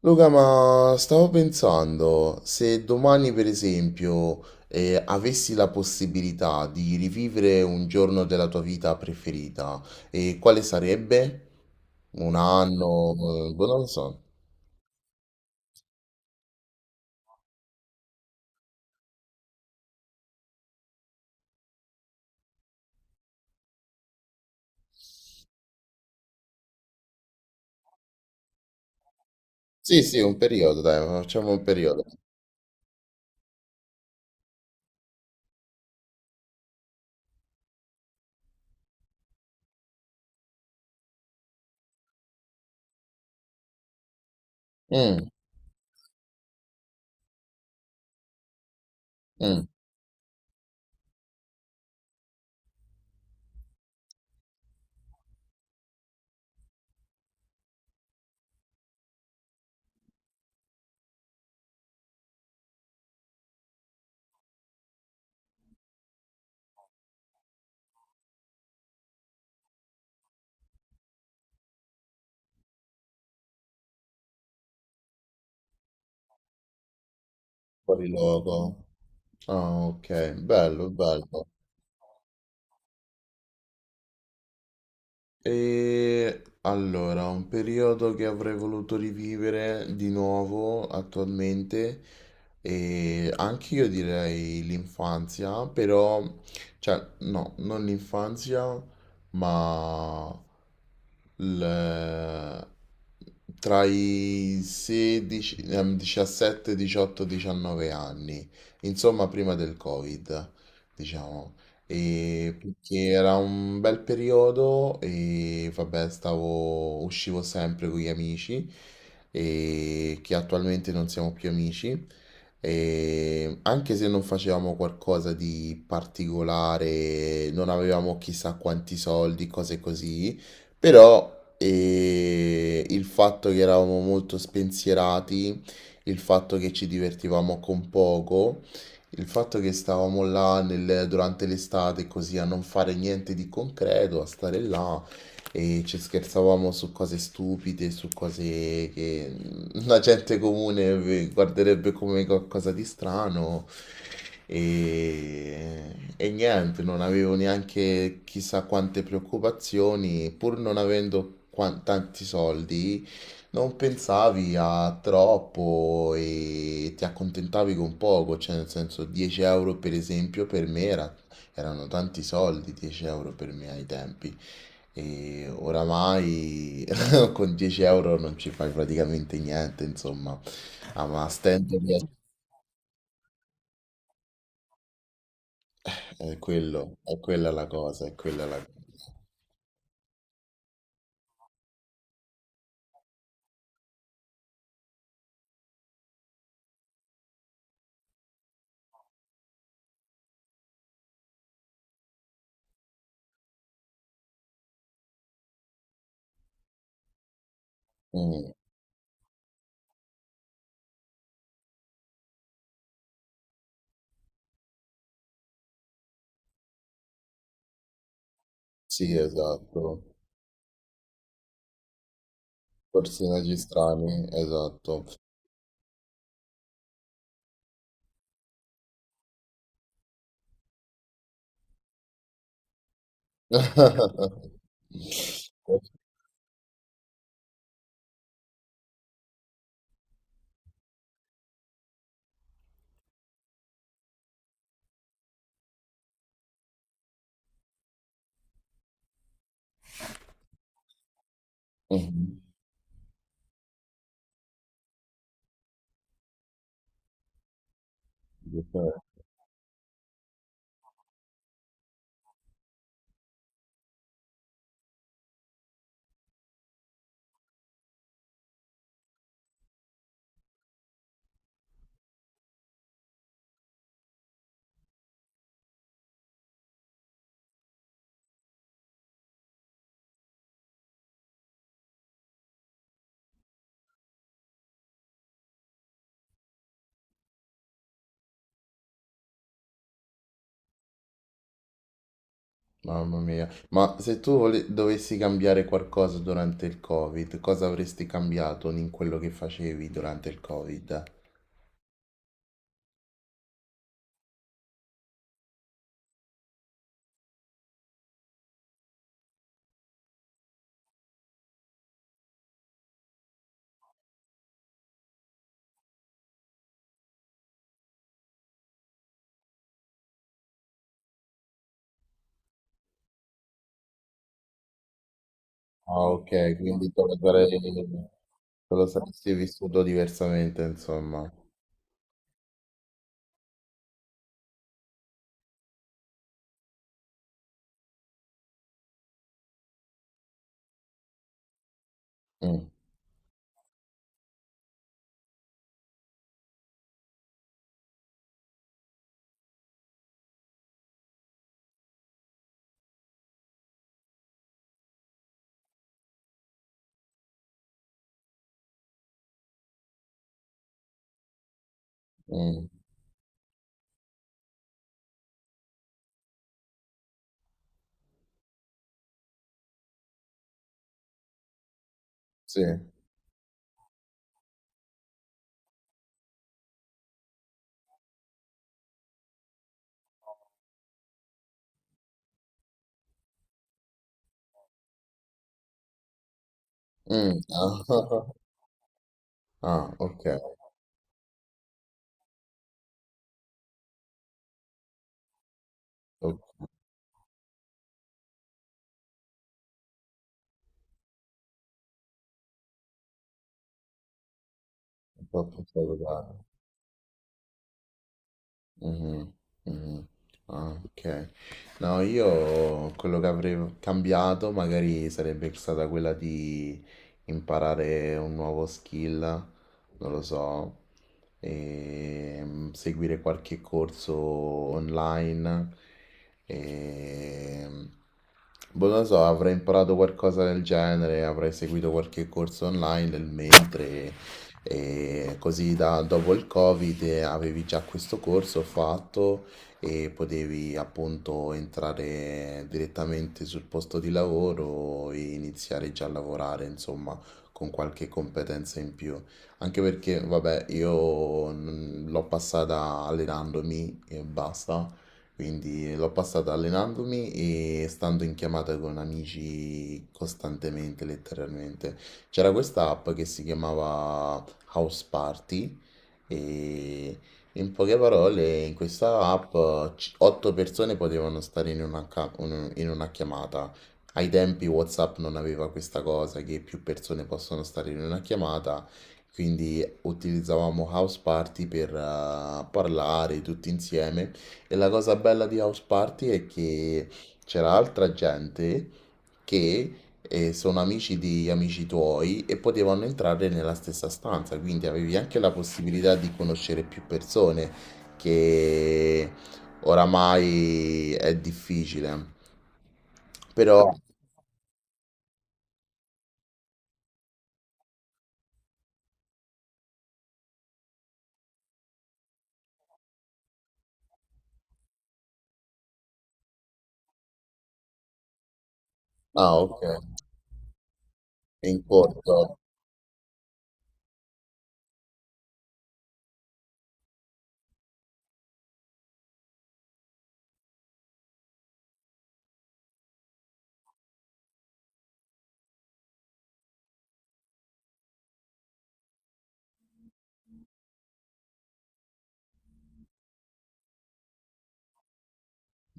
Luca, ma stavo pensando, se domani per esempio avessi la possibilità di rivivere un giorno della tua vita preferita, quale sarebbe? Un anno? Boh, non lo so. Sì, sì, un periodo, dai, facciamo un periodo. Mm, mm, fuori luogo. Ah, ok, bello, bello. E allora, un periodo che avrei voluto rivivere di nuovo attualmente, e anche io direi l'infanzia, però, cioè, no, non l'infanzia, ma il- tra i 16, 17, 18, 19 anni, insomma, prima del Covid, diciamo. E perché era un bel periodo e vabbè, stavo, uscivo sempre con gli amici e che attualmente non siamo più amici. E anche se non facevamo qualcosa di particolare, non avevamo chissà quanti soldi, cose così, però il fatto che eravamo molto spensierati, il fatto che ci divertivamo con poco, il fatto che stavamo là durante l'estate così a non fare niente di concreto, a stare là e ci scherzavamo su cose stupide, su cose che la gente comune guarderebbe come qualcosa di strano e, e niente, non avevo neanche chissà quante preoccupazioni, pur non avendo tanti soldi. Non pensavi a troppo e ti accontentavi con poco, cioè nel senso 10 € per esempio per me erano tanti soldi, 10 € per me ai tempi e oramai con 10 € non ci fai praticamente niente, insomma, ah, ma a stento è quello, è quella la cosa, è quella la cosa. Mm, sì, esatto, personaggi strani, esatto. Mhm. Giusto, eh. Mamma mia, ma se tu dovessi cambiare qualcosa durante il Covid, cosa avresti cambiato in quello che facevi durante il Covid? Ah, ok, quindi te lo te lo saresti vissuto diversamente, insomma. Mm, mm, sì. Mm. Ah, ok, ho- ho pensato bene. Mhm, mhm. Ah, ok. No, io quello che avrei cambiato magari sarebbe stata quella di imparare un nuovo skill, non lo so, e seguire qualche corso online. E, boh, non lo so, avrei imparato qualcosa del genere, avrei seguito qualche corso online nel mentre e così dopo il Covid avevi già questo corso fatto e potevi appunto entrare direttamente sul posto di lavoro e iniziare già a lavorare, insomma, con qualche competenza in più. Anche perché, vabbè, io l'ho passata allenandomi e basta. Quindi l'ho passata allenandomi e stando in chiamata con amici costantemente, letteralmente. C'era questa app che si chiamava House Party e in poche parole in questa app otto persone potevano stare in una, in una chiamata. Ai tempi WhatsApp non aveva questa cosa che più persone possono stare in una chiamata, quindi utilizzavamo House Party per parlare tutti insieme e la cosa bella di House Party è che c'era altra gente che sono amici di amici tuoi e potevano entrare nella stessa stanza, quindi avevi anche la possibilità di conoscere più persone, che oramai è difficile. Però, no, ah, ok, in corto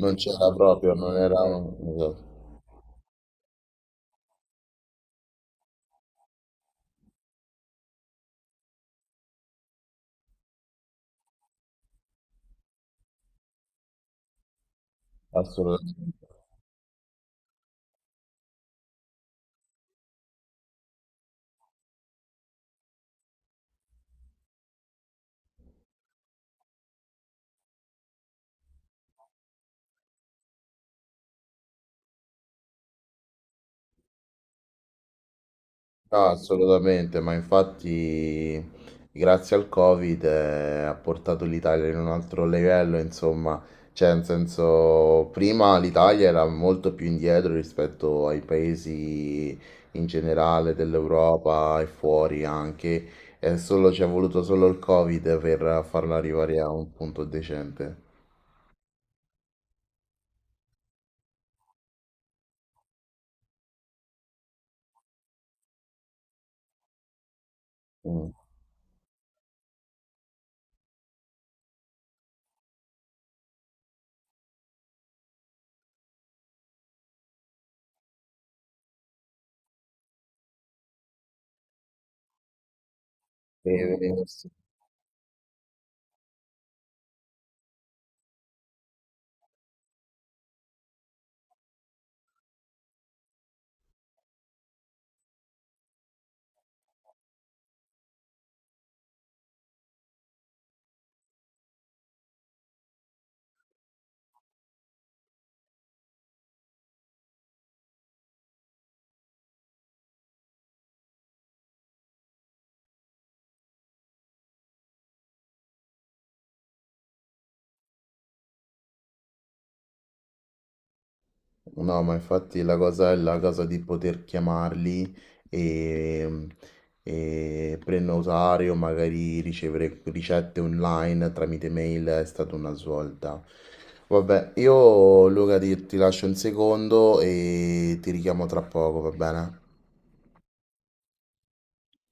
non c'era proprio, non era esatto, assolutamente. No, assolutamente, ma infatti grazie al Covid ha portato l'Italia in un altro livello, insomma, cioè nel senso prima l'Italia era molto più indietro rispetto ai paesi in generale dell'Europa e fuori anche, e solo ci è voluto solo il Covid per farla arrivare a un punto decente. Mm. E- No, ma infatti la cosa è la cosa di poter chiamarli e, e prenotare o magari ricevere ricette online tramite mail è stata una svolta. Vabbè, io Luca ti, ti lascio un secondo e ti richiamo tra poco, va bene?